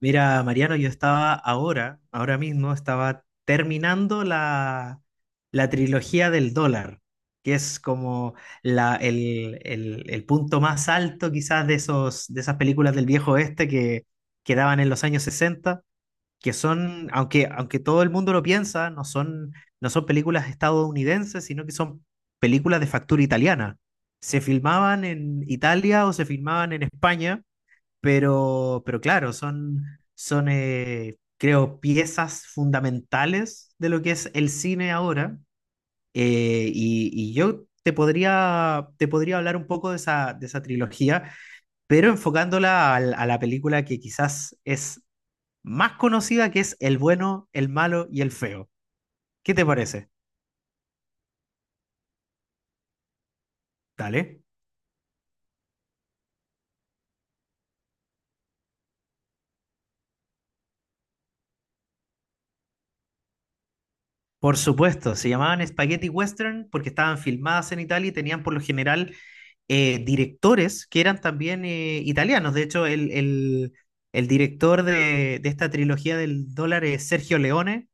Mira, Mariano, yo estaba ahora, ahora mismo, estaba terminando la trilogía del dólar, que es como el punto más alto quizás de esos, de esas películas del viejo oeste que daban en los años 60, que son, aunque todo el mundo lo piensa, no son películas estadounidenses, sino que son películas de factura italiana. Se filmaban en Italia o se filmaban en España pero claro, son, creo, piezas fundamentales de lo que es el cine ahora. Yo te podría hablar un poco de esa trilogía, pero enfocándola a la película que quizás es más conocida, que es El bueno, el malo y el feo. ¿Qué te parece? Dale. Por supuesto, se llamaban Spaghetti Western porque estaban filmadas en Italia y tenían por lo general directores que eran también italianos. De hecho, el director de esta trilogía del dólar es Sergio Leone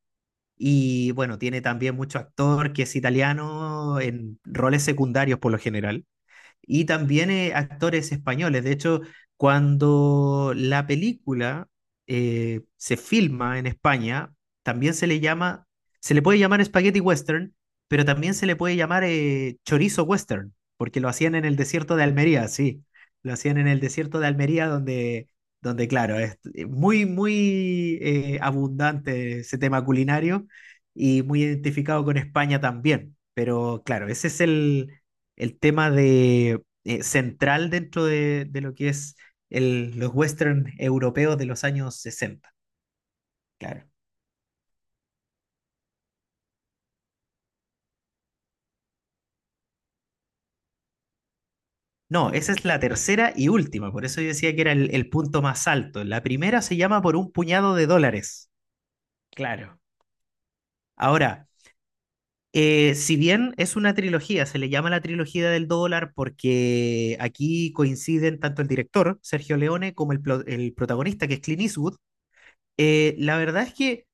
y bueno, tiene también mucho actor que es italiano en roles secundarios por lo general y también actores españoles. De hecho, cuando la película se filma en España, también se le llama, se le puede llamar spaghetti western, pero también se le puede llamar chorizo western, porque lo hacían en el desierto de Almería, sí, lo hacían en el desierto de Almería donde claro, es muy, muy abundante ese tema culinario y muy identificado con España también. Pero claro, ese es el tema de, central dentro de lo que es los western europeos de los años 60. Claro. No, esa es la tercera y última, por eso yo decía que era el punto más alto. La primera se llama Por un puñado de dólares. Claro. Ahora, si bien es una trilogía, se le llama la trilogía del dólar porque aquí coinciden tanto el director, Sergio Leone, como el protagonista, que es Clint Eastwood. La verdad es que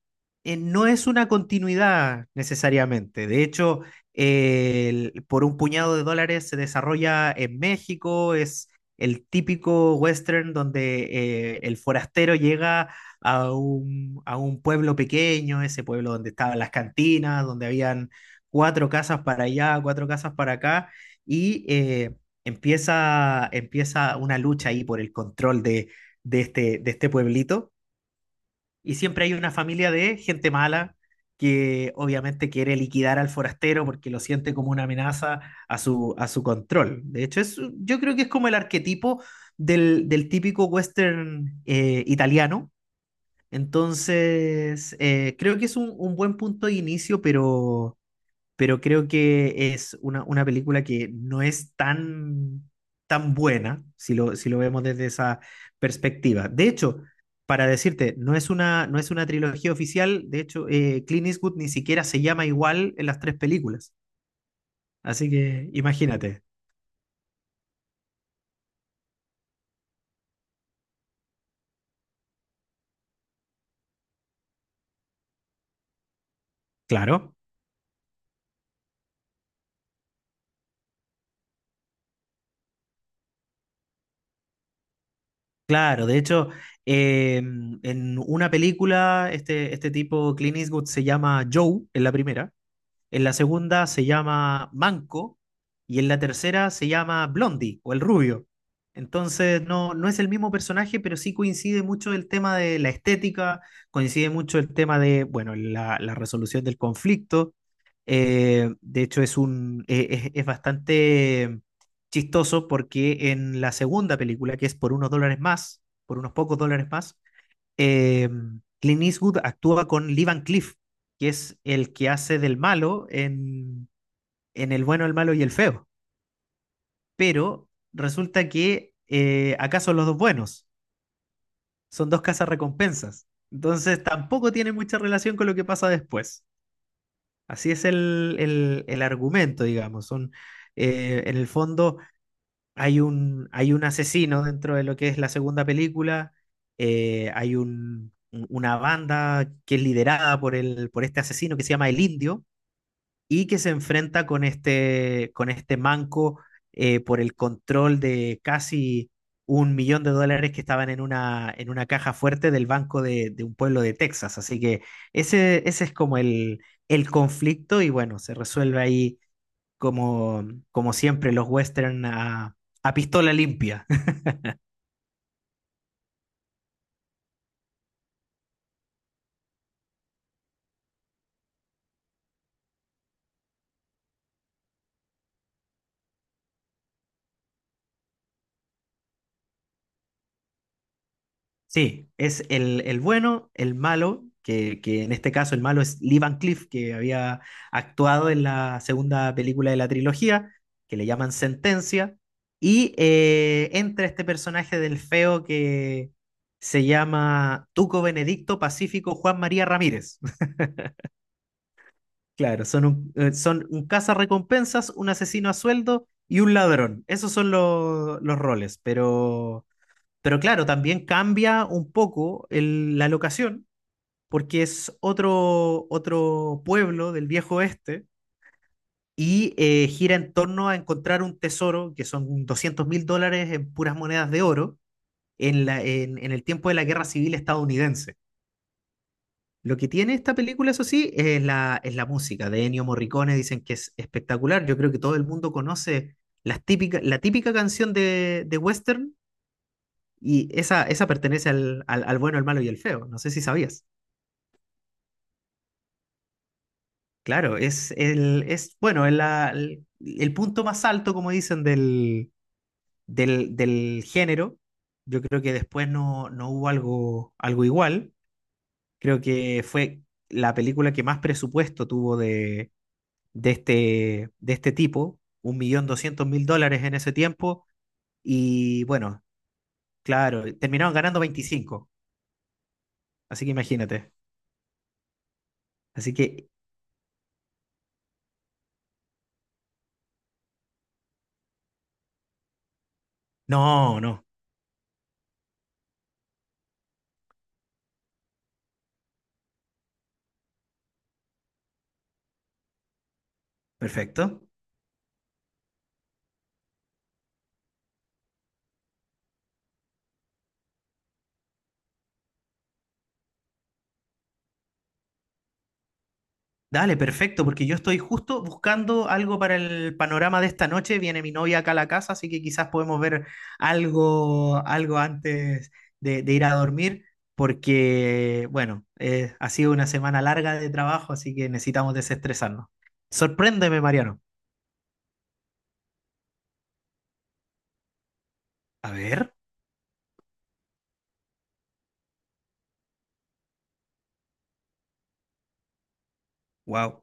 no es una continuidad necesariamente. De hecho, por un puñado de dólares se desarrolla en México, es el típico western donde el forastero llega a un pueblo pequeño, ese pueblo donde estaban las cantinas, donde habían cuatro casas para allá, cuatro casas para acá, y empieza una lucha ahí por el control de este pueblito y siempre hay una familia de gente mala que obviamente quiere liquidar al forastero porque lo siente como una amenaza a su control. De hecho, yo creo que es como el arquetipo del típico western italiano. Entonces, creo que es un buen punto de inicio, pero creo que es una película que no es tan, tan buena si lo vemos desde esa perspectiva. De hecho, para decirte, no es una trilogía oficial, de hecho, Clint Eastwood ni siquiera se llama igual en las tres películas, así que imagínate, claro. Claro, de hecho, en una película, este tipo, Clint Eastwood, se llama Joe en la primera, en la segunda se llama Manco y en la tercera se llama Blondie o el rubio. Entonces no, no es el mismo personaje, pero sí coincide mucho el tema de la estética, coincide mucho el tema de, bueno, la resolución del conflicto. De hecho, es bastante chistoso porque en la segunda película, que es por unos dólares más, por unos pocos dólares más, eh, Clint Eastwood actúa con Lee Van Cleef, que es el que hace del malo en El bueno, el malo y el feo. Pero resulta que acá son los dos buenos, son dos casas recompensas. Entonces tampoco tiene mucha relación con lo que pasa después. Así es el argumento, digamos. En el fondo, hay un asesino dentro de lo que es la segunda película, hay una banda que es liderada por este asesino que se llama El Indio y que se enfrenta con este manco por el control de casi $1,000,000 que estaban en una caja fuerte del banco de un pueblo de Texas. Así que ese es como el conflicto y bueno, se resuelve ahí como, como siempre los western a pistola limpia. Sí, es el bueno, el malo, que en este caso el malo es Lee Van Cleef, que había actuado en la segunda película de la trilogía, que le llaman Sentencia, y entra este personaje del feo que se llama Tuco Benedicto Pacífico Juan María Ramírez. Claro, son un cazarrecompensas, un asesino a sueldo y un ladrón. Esos son los roles. Pero claro, también cambia un poco la locación, porque es otro pueblo del viejo oeste y gira en torno a encontrar un tesoro, que son $200,000 en puras monedas de oro, en el tiempo de la Guerra Civil estadounidense. Lo que tiene esta película, eso sí, es la música de Ennio Morricone, dicen que es espectacular. Yo creo que todo el mundo conoce las típica, la típica canción de Western y esa pertenece al bueno, el malo y el feo. No sé si sabías. Claro, es bueno, el punto más alto, como dicen, del género. Yo creo que después no, no hubo algo, algo igual. Creo que fue la película que más presupuesto tuvo de este tipo, $1,200,000 en ese tiempo, y bueno, claro, terminaron ganando 25, así que imagínate. Así que, no, no, perfecto. Dale, perfecto, porque yo estoy justo buscando algo para el panorama de esta noche. Viene mi novia acá a la casa, así que quizás podemos ver algo antes de ir a dormir, porque, bueno, ha sido una semana larga de trabajo, así que necesitamos desestresarnos. Sorpréndeme, Mariano. A ver, wow,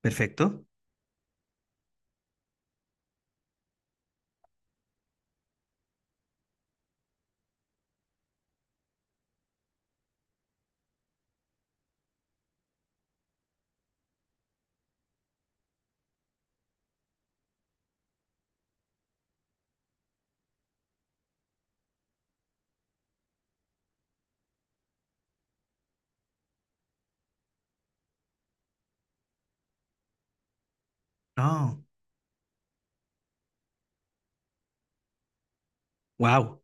perfecto. No, wow.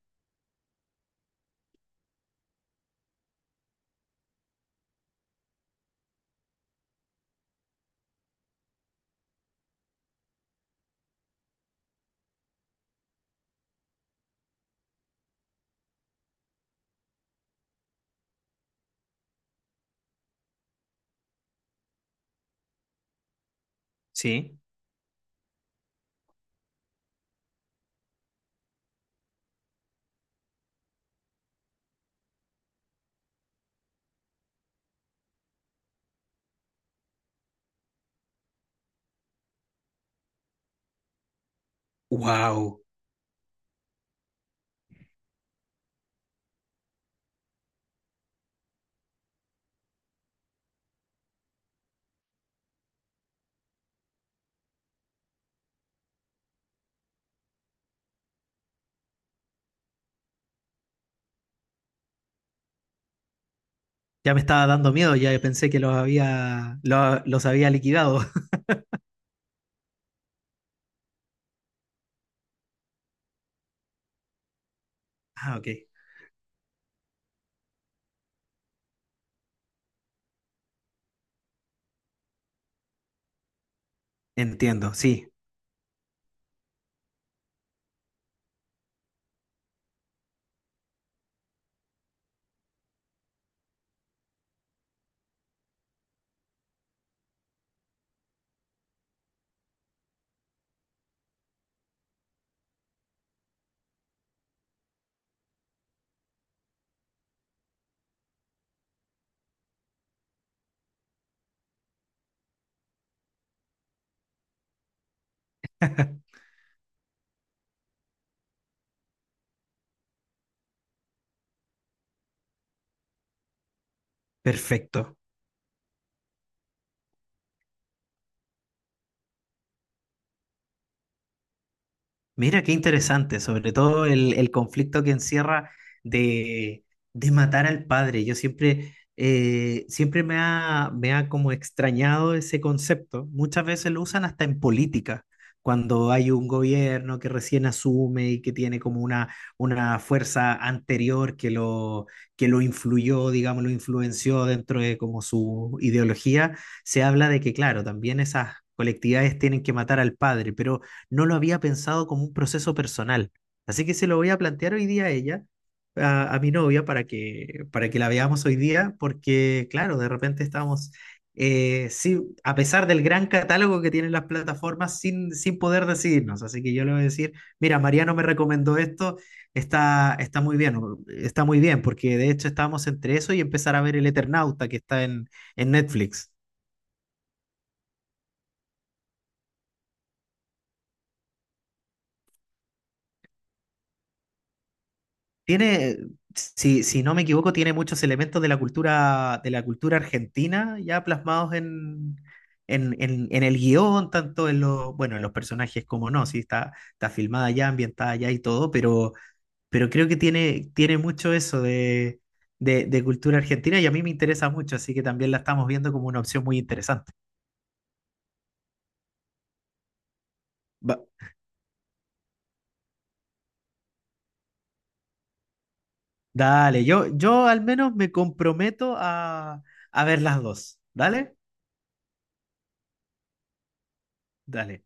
Sí. Wow. Ya me estaba dando miedo, ya pensé que los había liquidado. Ah, ok, entiendo, sí, perfecto. Mira, qué interesante, sobre todo el conflicto que encierra de, de matar al padre. Yo siempre me ha como extrañado ese concepto. Muchas veces lo usan hasta en política, cuando hay un gobierno que recién asume y que tiene como una fuerza anterior que lo influyó, digamos, lo influenció dentro de como su ideología. Se habla de que, claro, también esas colectividades tienen que matar al padre, pero no lo había pensado como un proceso personal. Así que se lo voy a plantear hoy día a ella, a mi novia, para que la veamos hoy día, porque claro, de repente estamos, sí, a pesar del gran catálogo que tienen las plataformas, sin poder decidirnos. Así que yo le voy a decir, mira, Mariano me recomendó esto, está muy bien, porque de hecho estábamos entre eso y empezar a ver El Eternauta que está en Netflix. Tiene, si no me equivoco, tiene muchos elementos de la cultura argentina ya plasmados en el guión, tanto en los, bueno, en los personajes como no, sí, está filmada ya, ambientada ya y todo, pero creo que tiene mucho eso de cultura argentina y a mí me interesa mucho, así que también la estamos viendo como una opción muy interesante. Va- dale, yo al menos me comprometo a ver las dos. Dale, dale.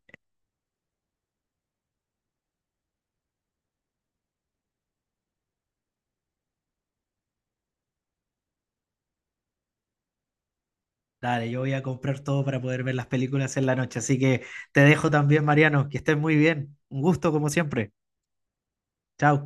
Dale, yo voy a comprar todo para poder ver las películas en la noche. Así que te dejo también, Mariano. Que estés muy bien. Un gusto como siempre. Chao.